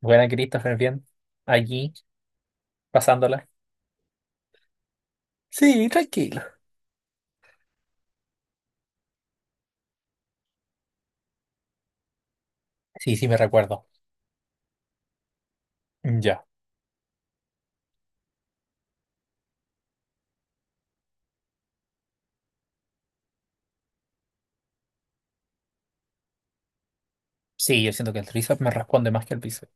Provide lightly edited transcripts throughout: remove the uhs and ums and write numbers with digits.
Buena, Christopher, bien. Allí pasándola. Sí, tranquilo. Sí, sí, me recuerdo. Ya. Sí, yo siento que el tríceps me responde más que el bíceps.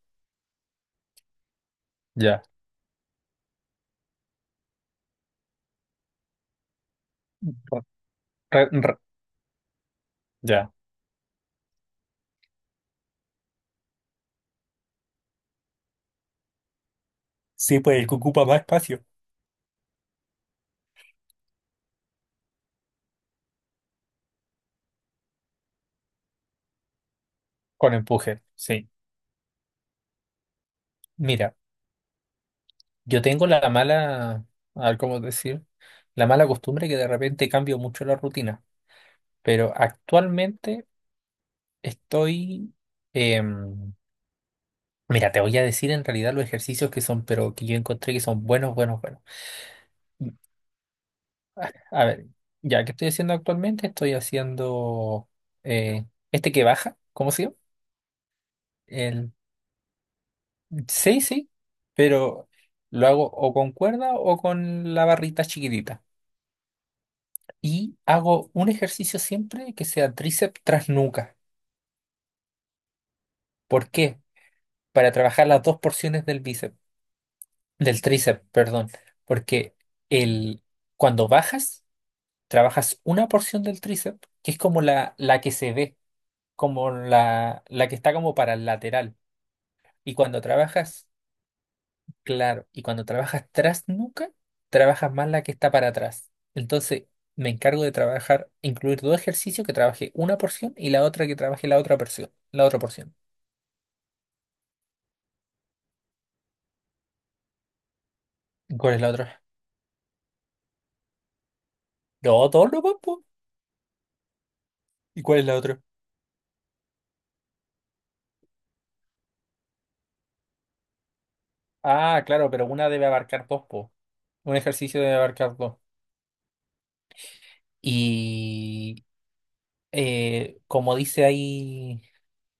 Ya. Re- re- ya. Sí, pues el que ocupa más espacio. Con empuje. Sí. Mira, yo tengo la mala, a ver cómo decir, la mala costumbre que de repente cambio mucho la rutina. Pero actualmente estoy. em, Mira, te voy a decir en realidad los ejercicios que son, pero que yo encontré que son buenos, buenos, buenos. A ver, ya, ¿qué estoy haciendo actualmente? Estoy haciendo eh, este que baja, ¿cómo se llama? El, sí, sí, pero lo hago o con cuerda o con la barrita chiquitita. Y hago un ejercicio siempre que sea tríceps tras nuca. ¿Por qué? Para trabajar las dos porciones del bíceps, del tríceps, perdón. Porque el, cuando bajas, trabajas una porción del tríceps, que es como la que se ve, como la que está como para el lateral. Y cuando trabajas, claro, y cuando trabajas tras nuca, trabajas más la que está para atrás. Entonces, me encargo de trabajar, incluir dos ejercicios que trabaje una porción y la otra que trabaje la otra porción, la otra porción. ¿Y cuál es la otra? No, dos no, po. ¿Y cuál es la otra? Ah, claro, pero una debe abarcar dos, po. Un ejercicio debe abarcar dos. Y como dice ahí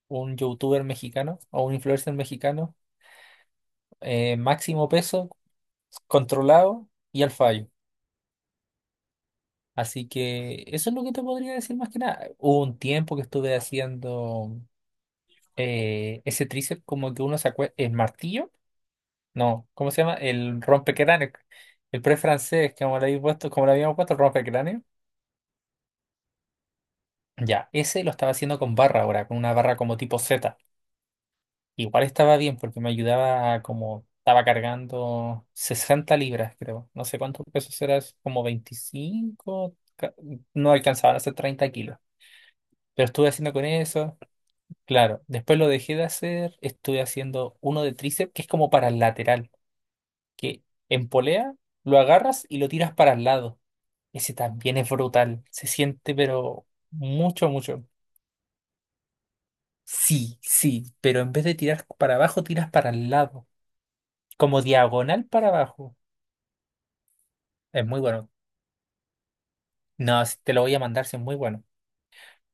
un youtuber mexicano o un influencer mexicano, máximo peso controlado y al fallo. Así que eso es lo que te podría decir más que nada. Hubo un tiempo que estuve haciendo ese tríceps como que uno se acuerda, el martillo, no, ¿cómo se llama? El rompecráneo, el pre francés, como le habíamos puesto, como le habíamos puesto el rompecráneo. Ya, ese lo estaba haciendo con barra ahora, con una barra como tipo Z. Igual estaba bien porque me ayudaba a como estaba cargando 60 libras, creo. No sé cuántos pesos era, es como 25, no alcanzaban a ser 30 kilos. Pero estuve haciendo con eso. Claro, después lo dejé de hacer, estuve haciendo uno de tríceps que es como para el lateral, que en polea lo agarras y lo tiras para el lado. Ese también es brutal, se siente pero mucho, mucho. Sí, sí, pero en vez de tirar para abajo, tiras para el lado, como diagonal para abajo. Es muy bueno. No, si te lo voy a mandar, sí es muy bueno.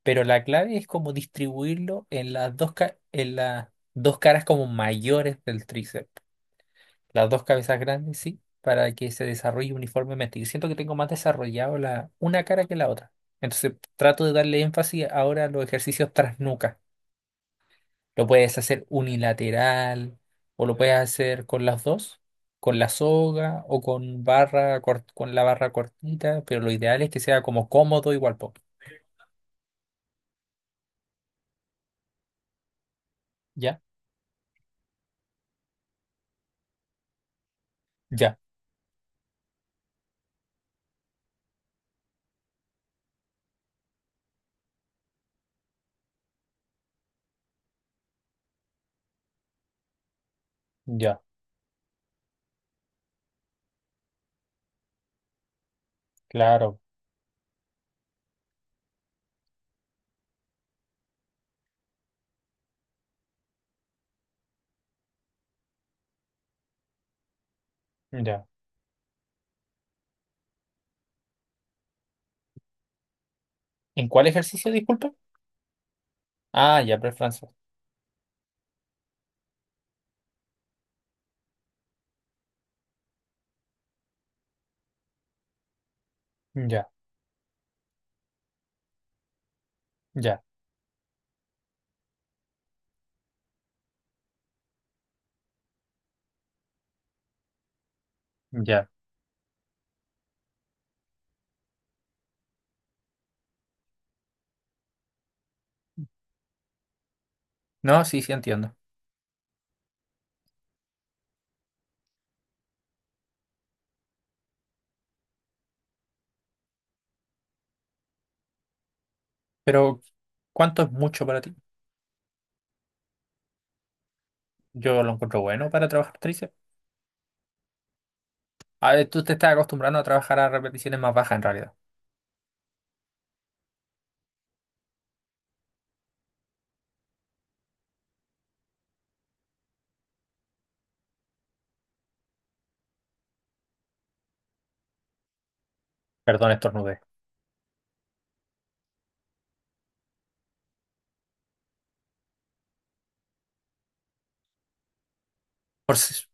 Pero la clave es como distribuirlo en las dos, en las dos caras como mayores del tríceps. Las dos cabezas grandes, sí, para que se desarrolle uniformemente. Yo siento que tengo más desarrollado la una cara que la otra. Entonces trato de darle énfasis ahora a los ejercicios tras nuca. Lo puedes hacer unilateral o lo puedes hacer con las dos, con la soga o con barra con la barra cortita, pero lo ideal es que sea como cómodo igual po. ¿Ya? Ya, ya, claro, ya. ¿En cuál ejercicio, disculpa? Ah, ya, pre. Ya, ya, ya. No, sí, sí entiendo. Pero ¿cuánto es mucho para ti? Yo lo encuentro bueno para trabajar tríceps. A ver, tú te estás acostumbrando a trabajar a repeticiones más bajas en realidad. Perdón, estornudé. Por si-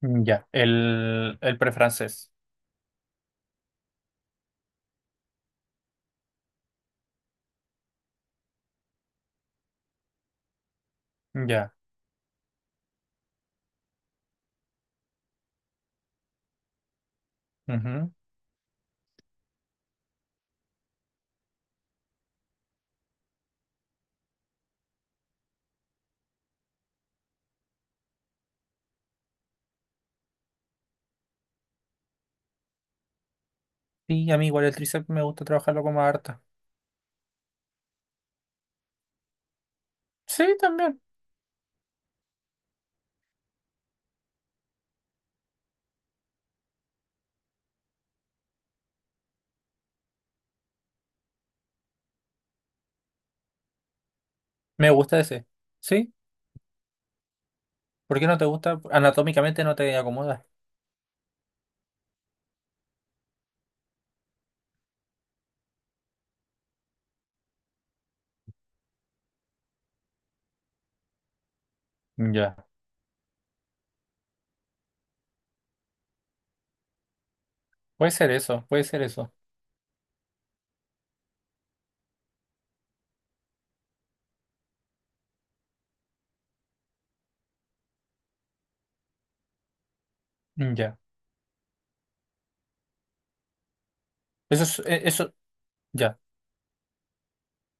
mm, ya, el prefrancés. Ya. Ujú. Sí, a mí igual el tríceps me gusta trabajarlo como harta. Sí, también. Me gusta ese. ¿Sí? ¿Por qué no te gusta? Anatómicamente no te acomoda. Ya. Puede ser eso, puede ser eso. Ya. Eso, ya.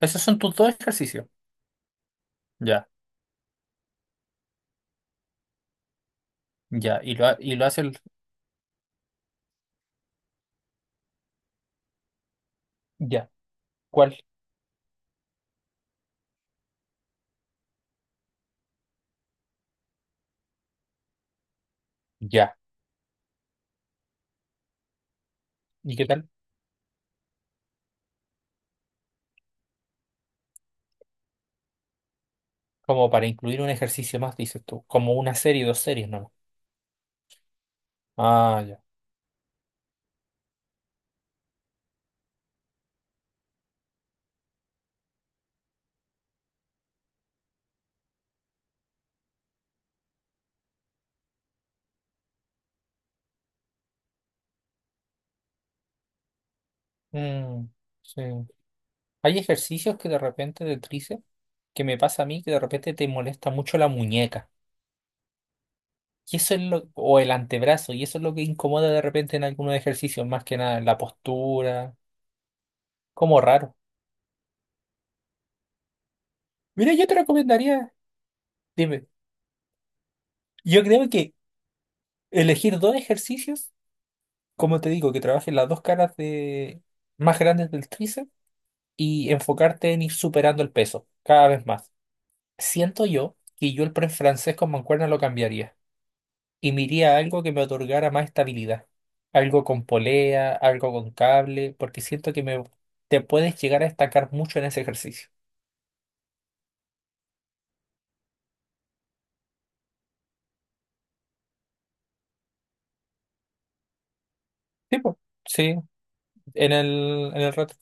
Esos son tus dos ejercicios. Ya, ya. Y lo hace el. Ya. ¿Cuál? Ya. ¿Y qué tal? Como para incluir un ejercicio más, dices tú. Como una serie, dos series, ¿no? Ah, ya. Mm, sí. Hay ejercicios que de repente de tríceps, que me pasa a mí, que de repente te molesta mucho la muñeca. Y eso es lo, o el antebrazo, y eso es lo que incomoda de repente en algunos ejercicios, más que nada, en la postura. Como raro. Mira, yo te recomendaría, dime, yo creo que elegir dos ejercicios, como te digo, que trabajen las dos caras de, más grandes del tríceps y enfocarte en ir superando el peso cada vez más. Siento yo que yo el pre francés con mancuerna lo cambiaría y me iría a algo que me otorgara más estabilidad. Algo con polea, algo con cable, porque siento que me, te puedes llegar a estancar mucho en ese ejercicio. Sí, po. Sí, en el rato.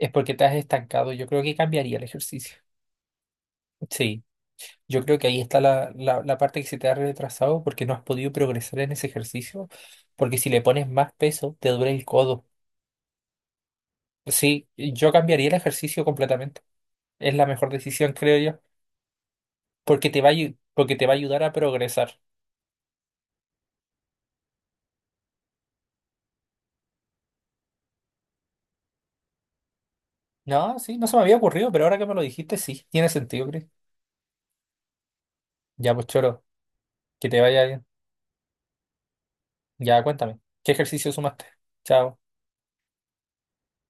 Es porque te has estancado. Yo creo que cambiaría el ejercicio. Sí, yo creo que ahí está la parte que se te ha retrasado porque no has podido progresar en ese ejercicio. Porque si le pones más peso, te duele el codo. Sí, yo cambiaría el ejercicio completamente. Es la mejor decisión, creo yo, porque te va a, porque te va a ayudar a progresar. No, sí, no se me había ocurrido, pero ahora que me lo dijiste, sí, tiene sentido, Chris. Ya, pues choro, que te vaya bien. Ya, cuéntame, ¿qué ejercicio sumaste? Chao.